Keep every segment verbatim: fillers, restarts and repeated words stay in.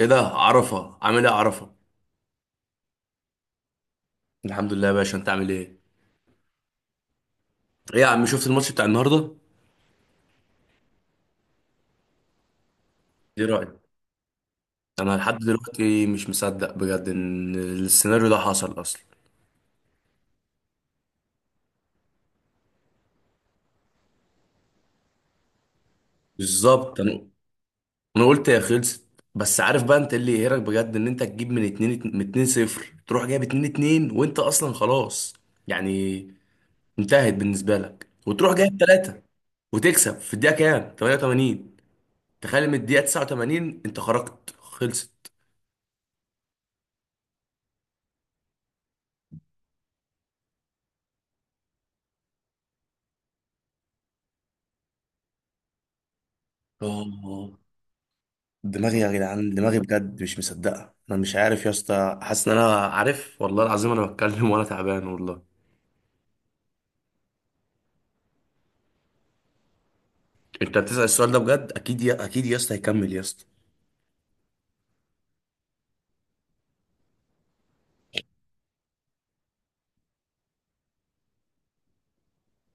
ايه ده عرفة عامل ايه عرفة. الحمد لله يا باشا، انت عامل ايه؟ ايه يا عم، شفت الماتش بتاع النهارده؟ ايه رأيك؟ انا لحد دلوقتي مش مصدق بجد ان السيناريو ده حصل اصلا. بالظبط. انا انا قلت يا خلصت. بس عارف بقى، انت اللي يقهرك بجد ان انت تجيب من اتنين، من اتنين صفر، تروح جايب اتنين اتنين وانت اصلا خلاص. يعني انتهت بالنسبة لك وتروح جايب تلاتة وتكسب في الدقيقة كام، تمانية وتمانين. تخيل، من الدقيقة تسعة وتمانين انت خرجت خلصت. اه، دماغي يا جدعان، دماغي بجد مش مصدقه، انا مش عارف يا اسطى، حاسس ان انا عارف والله العظيم، انا بتكلم وانا تعبان والله. انت بتسأل السؤال ده بجد؟ اكيد يا، اكيد يا اسطى هيكمل يا اسطى.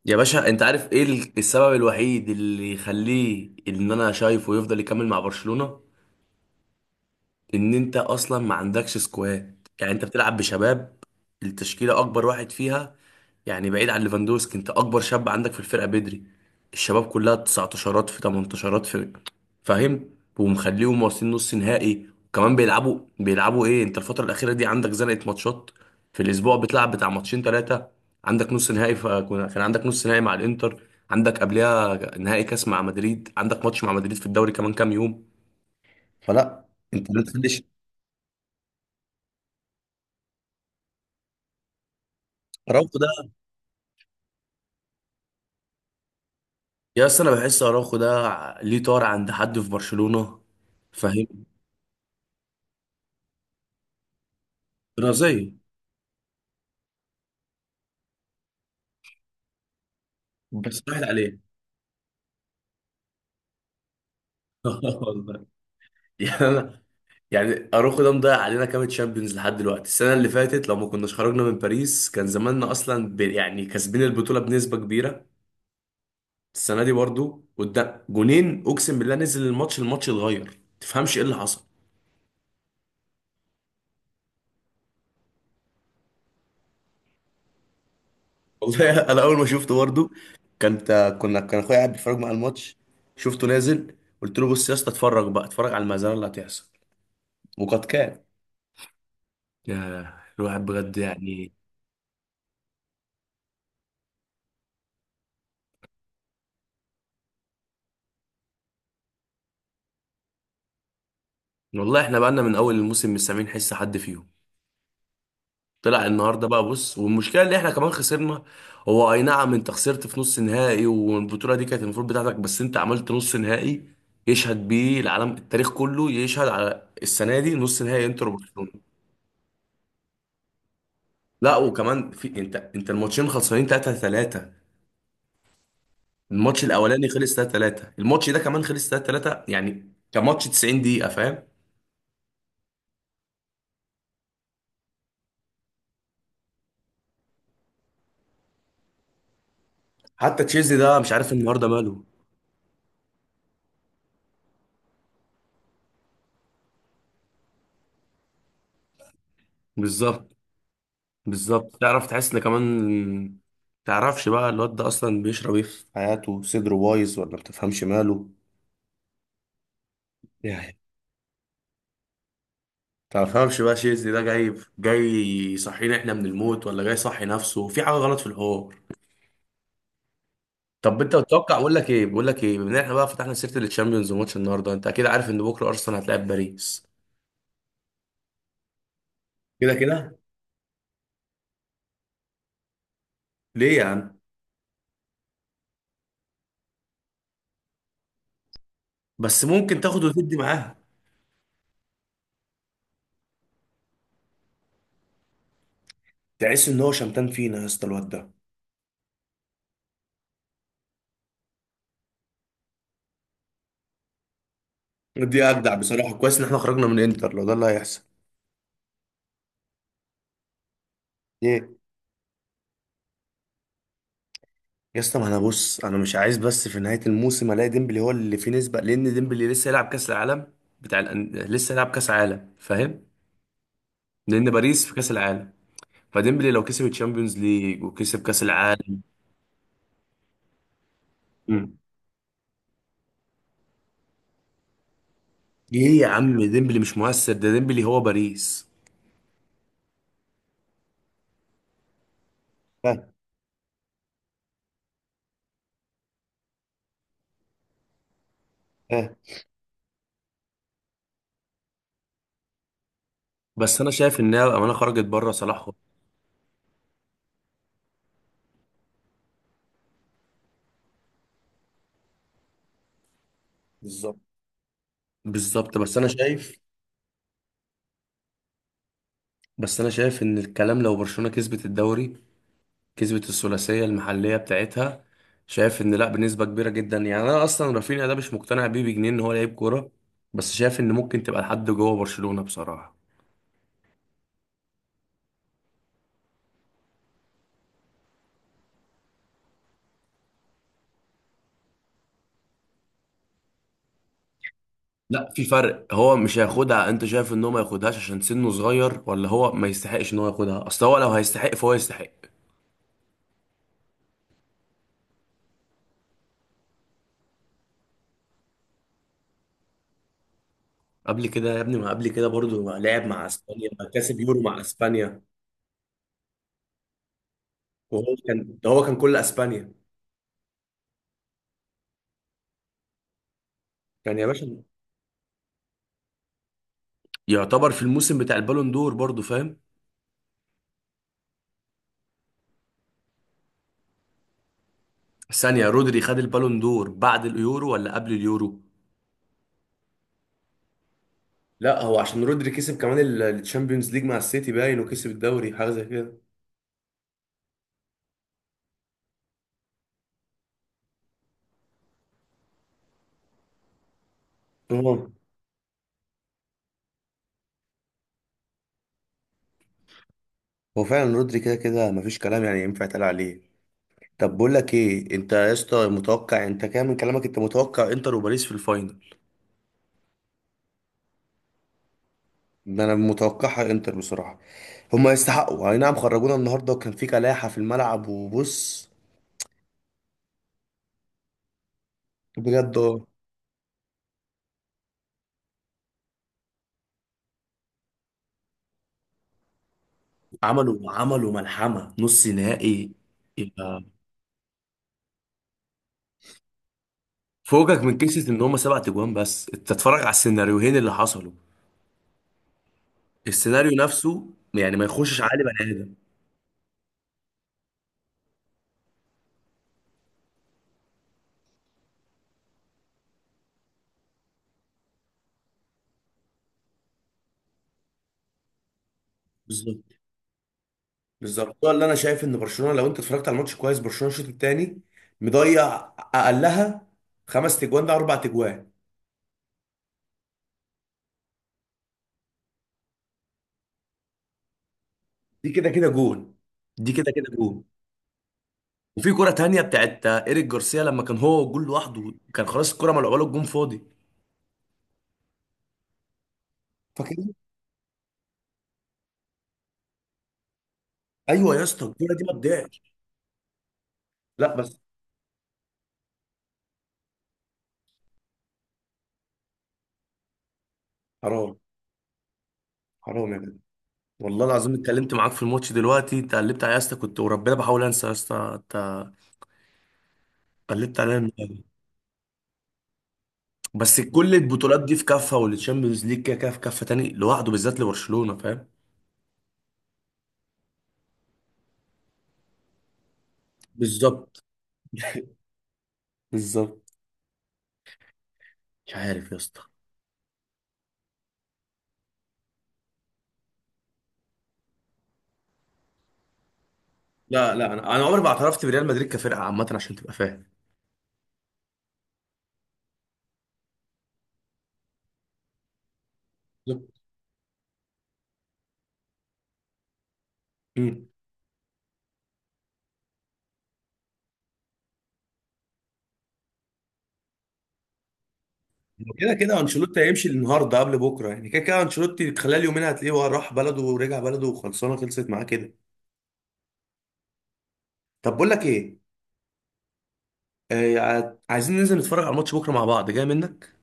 يا باشا، انت عارف ايه ال- السبب الوحيد اللي يخليه ان انا شايفه يفضل يكمل مع برشلونة؟ ان انت اصلا ما عندكش سكواد، يعني انت بتلعب بشباب. التشكيله اكبر واحد فيها، يعني بعيد عن ليفاندوسكي، انت اكبر شاب عندك في الفرقه بدري. الشباب كلها تسعة عشر في تمنتاشر في. فاهم؟ ومخليهم واصلين نص نهائي، وكمان بيلعبوا بيلعبوا ايه، انت الفتره الاخيره دي عندك زنقه ماتشات. في الاسبوع بتلعب بتاع ماتشين ثلاثه، عندك نص نهائي، فكان كان عندك نص نهائي مع الانتر، عندك قبلها نهائي كاس مع مدريد، عندك ماتش مع مدريد في الدوري كمان كام يوم. فلا. انت ليه تخلي اراوخو ده؟ يا اسطى، انا بحس اراوخو ده ع- ليه طار عند حد في برشلونه؟ فاهم؟ رازيه. بس راحت عليه. والله. يعني انا، يعني اراوخو ده مضيع علينا كام تشامبيونز لحد دلوقتي. السنه اللي فاتت لو ما كناش خرجنا من باريس، كان زماننا اصلا ب... يعني كاسبين البطوله بنسبه كبيره. السنه دي برضو قدام جونين اقسم بالله، نزل الماتش، الماتش اتغير، تفهمش ايه اللي حصل. والله انا اول ما شفته برضه، كنت كنا كان اخويا قاعد بيتفرج مع الماتش، شفته نازل، قلت له بص يا اسطى، اتفرج بقى، اتفرج على المزارع اللي هتحصل. وقد كان. يا، الواحد بجد يعني. والله احنا بقالنا من اول الموسم مش سامعين حس حد فيهم، طلع النهارده بقى. بص، والمشكله اللي احنا كمان خسرنا. هو اي نعم انت خسرت في نص نهائي، والبطوله دي كانت المفروض بتاعتك، بس انت عملت نص نهائي يشهد بيه العالم، التاريخ كله يشهد على السنه دي، نص نهائي انتر وبرشلونه. لا، وكمان في، انت انت الماتشين خلصانين تلاتة تلاتة. الماتش الاولاني خلص تلاتة تلاتة، الماتش ده كمان خلص تلاتة تلاتة، يعني كان ماتش تسعين دقيقة. فاهم؟ حتى تشيزني ده مش عارف النهارده ماله. بالظبط. بالظبط، تعرف تحس ان كمان، تعرفش بقى الواد ده اصلا بيشرب ايه في حياته؟ صدره بايظ ولا بتفهمش ماله يعني. تفهمش بقى تشيزني ده جاي جاي يصحينا احنا من الموت، ولا جاي يصحي نفسه في حاجة غلط في الحوار؟ طب انت تتوقع، اقول لك ايه، بقول لك ايه، بما ان احنا بقى فتحنا سيره الشامبيونز وماتش النهارده، انت اكيد عارف ان بكره ارسنال هتلاعب باريس. كده كده. ليه يا عم؟ بس ممكن تاخد وتدي معاها. تحس ان هو شمتان فينا يا اسطى الواد ده. دي اجدع بصراحه، كويس ان احنا خرجنا من انتر لو ده اللي هيحصل. ايه يا اسطى، ما انا بص، انا مش عايز بس في نهايه الموسم الاقي ديمبلي هو اللي فيه نسبه، لان ديمبلي لسه يلعب كاس العالم بتاع الأن... لسه يلعب كاس عالم. فاهم؟ لان باريس في كاس العالم، فديمبلي لو كسب الشامبيونز ليج وكسب كاس العالم. ايه يا عم، ديمبلي مش مؤثر؟ ده ديمبلي هو باريس. ها. ها. بس انا شايف انها امانه خرجت بره صلاح. بالظبط. بالظبط. بس انا شايف بس انا شايف ان الكلام لو برشلونه كسبت الدوري، كسبت الثلاثيه المحليه بتاعتها، شايف ان لا بنسبه كبيره جدا. يعني انا اصلا رافينيا ده مش مقتنع بيه بجنيه ان هو لعيب كوره، بس شايف ان ممكن تبقى لحد جوه برشلونه بصراحه. لا، في فرق. هو مش هياخدها. انت شايف ان هو ما ياخدهاش عشان سنه صغير، ولا هو ما يستحقش ان هو ياخدها؟ اصل هو لو هيستحق فهو يستحق. قبل كده يا ابني، ما قبل كده برضو لعب مع اسبانيا، كسب يورو مع اسبانيا، وهو كان، ده هو كان كل اسبانيا. كان يا باشا. يعتبر في الموسم بتاع البالون دور برضو. فاهم؟ ثانية، رودري خد البالون دور بعد اليورو ولا قبل اليورو؟ لا هو عشان رودري كسب كمان الشامبيونز ليج مع السيتي باين، وكسب الدوري حاجه زي كده. اه. هو فعلا رودري كده كده مفيش كلام يعني ينفع يتقال عليه. طب بقول لك ايه، انت يا اسطى متوقع، انت كده من كلامك انت متوقع انتر وباريس في الفاينل. ده انا متوقعها انتر بصراحه. هما يستحقوا، اي نعم خرجونا النهارده وكان في كلاحه في الملعب، وبص. بجد اه. عملوا عملوا ملحمة نص نهائي. يبقى فوقك من قصة ان هما سبع تجوان، بس انت اتفرج على السيناريوهين اللي حصلوا. السيناريو نفسه يعني ما يخشش عقل بني ادم. بالظبط. بالظبط، ده اللي انا شايف ان برشلونه، لو انت اتفرجت على الماتش كويس، برشلونه الشوط الثاني مضيع اقلها خمس تجوان، ده اربع تجوان. دي كده كده جون، دي كده كده جون. وفي كرة تانية بتاعت ايريك جارسيا لما كان هو والجول لوحده، كان خلاص الكرة ملعوبة له، الجون فاضي. فاكر؟ ايوه يا اسطى، الكرة دي ما تضيعش. لا بس. حرام. حرام يا جدع. والله العظيم اتكلمت معاك في الماتش دلوقتي، انت قلبت عليا يا اسطى، كنت وربنا بحاول انسى يا اسطى، انت قلبت عليا من- بس كل البطولات دي في كافة، والتشامبيونز ليج كده كده في كافة تاني لوحده بالذات لبرشلونة. فاهم؟ بالظبط. بالظبط. مش عارف يا اسطى. لا لا، انا انا عمري ما اعترفت بريال مدريد كفرقة عامة عشان تبقى فاهم. بالظبط. كده كده انشيلوتي هيمشي النهارده قبل بكره، يعني كده كده انشيلوتي خلال يومين هتلاقيه هو راح بلده ورجع بلده وخلصانه، خلصت معاه كده. طب بقول لك ايه. آه ع- عايزين ننزل نتفرج على الماتش بكره مع بعض، جاي منك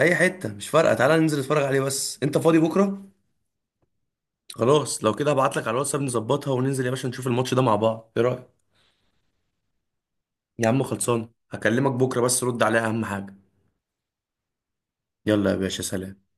اي حته مش فارقه، تعالى ننزل نتفرج عليه. بس انت فاضي بكره؟ خلاص لو كده هبعت لك على الواتساب نظبطها، وننزل يا باشا نشوف الماتش ده مع بعض، ايه رايك؟ يا عم خلصان، هكلمك بكره بس رد عليها اهم حاجه. يلا يا باشا سلام.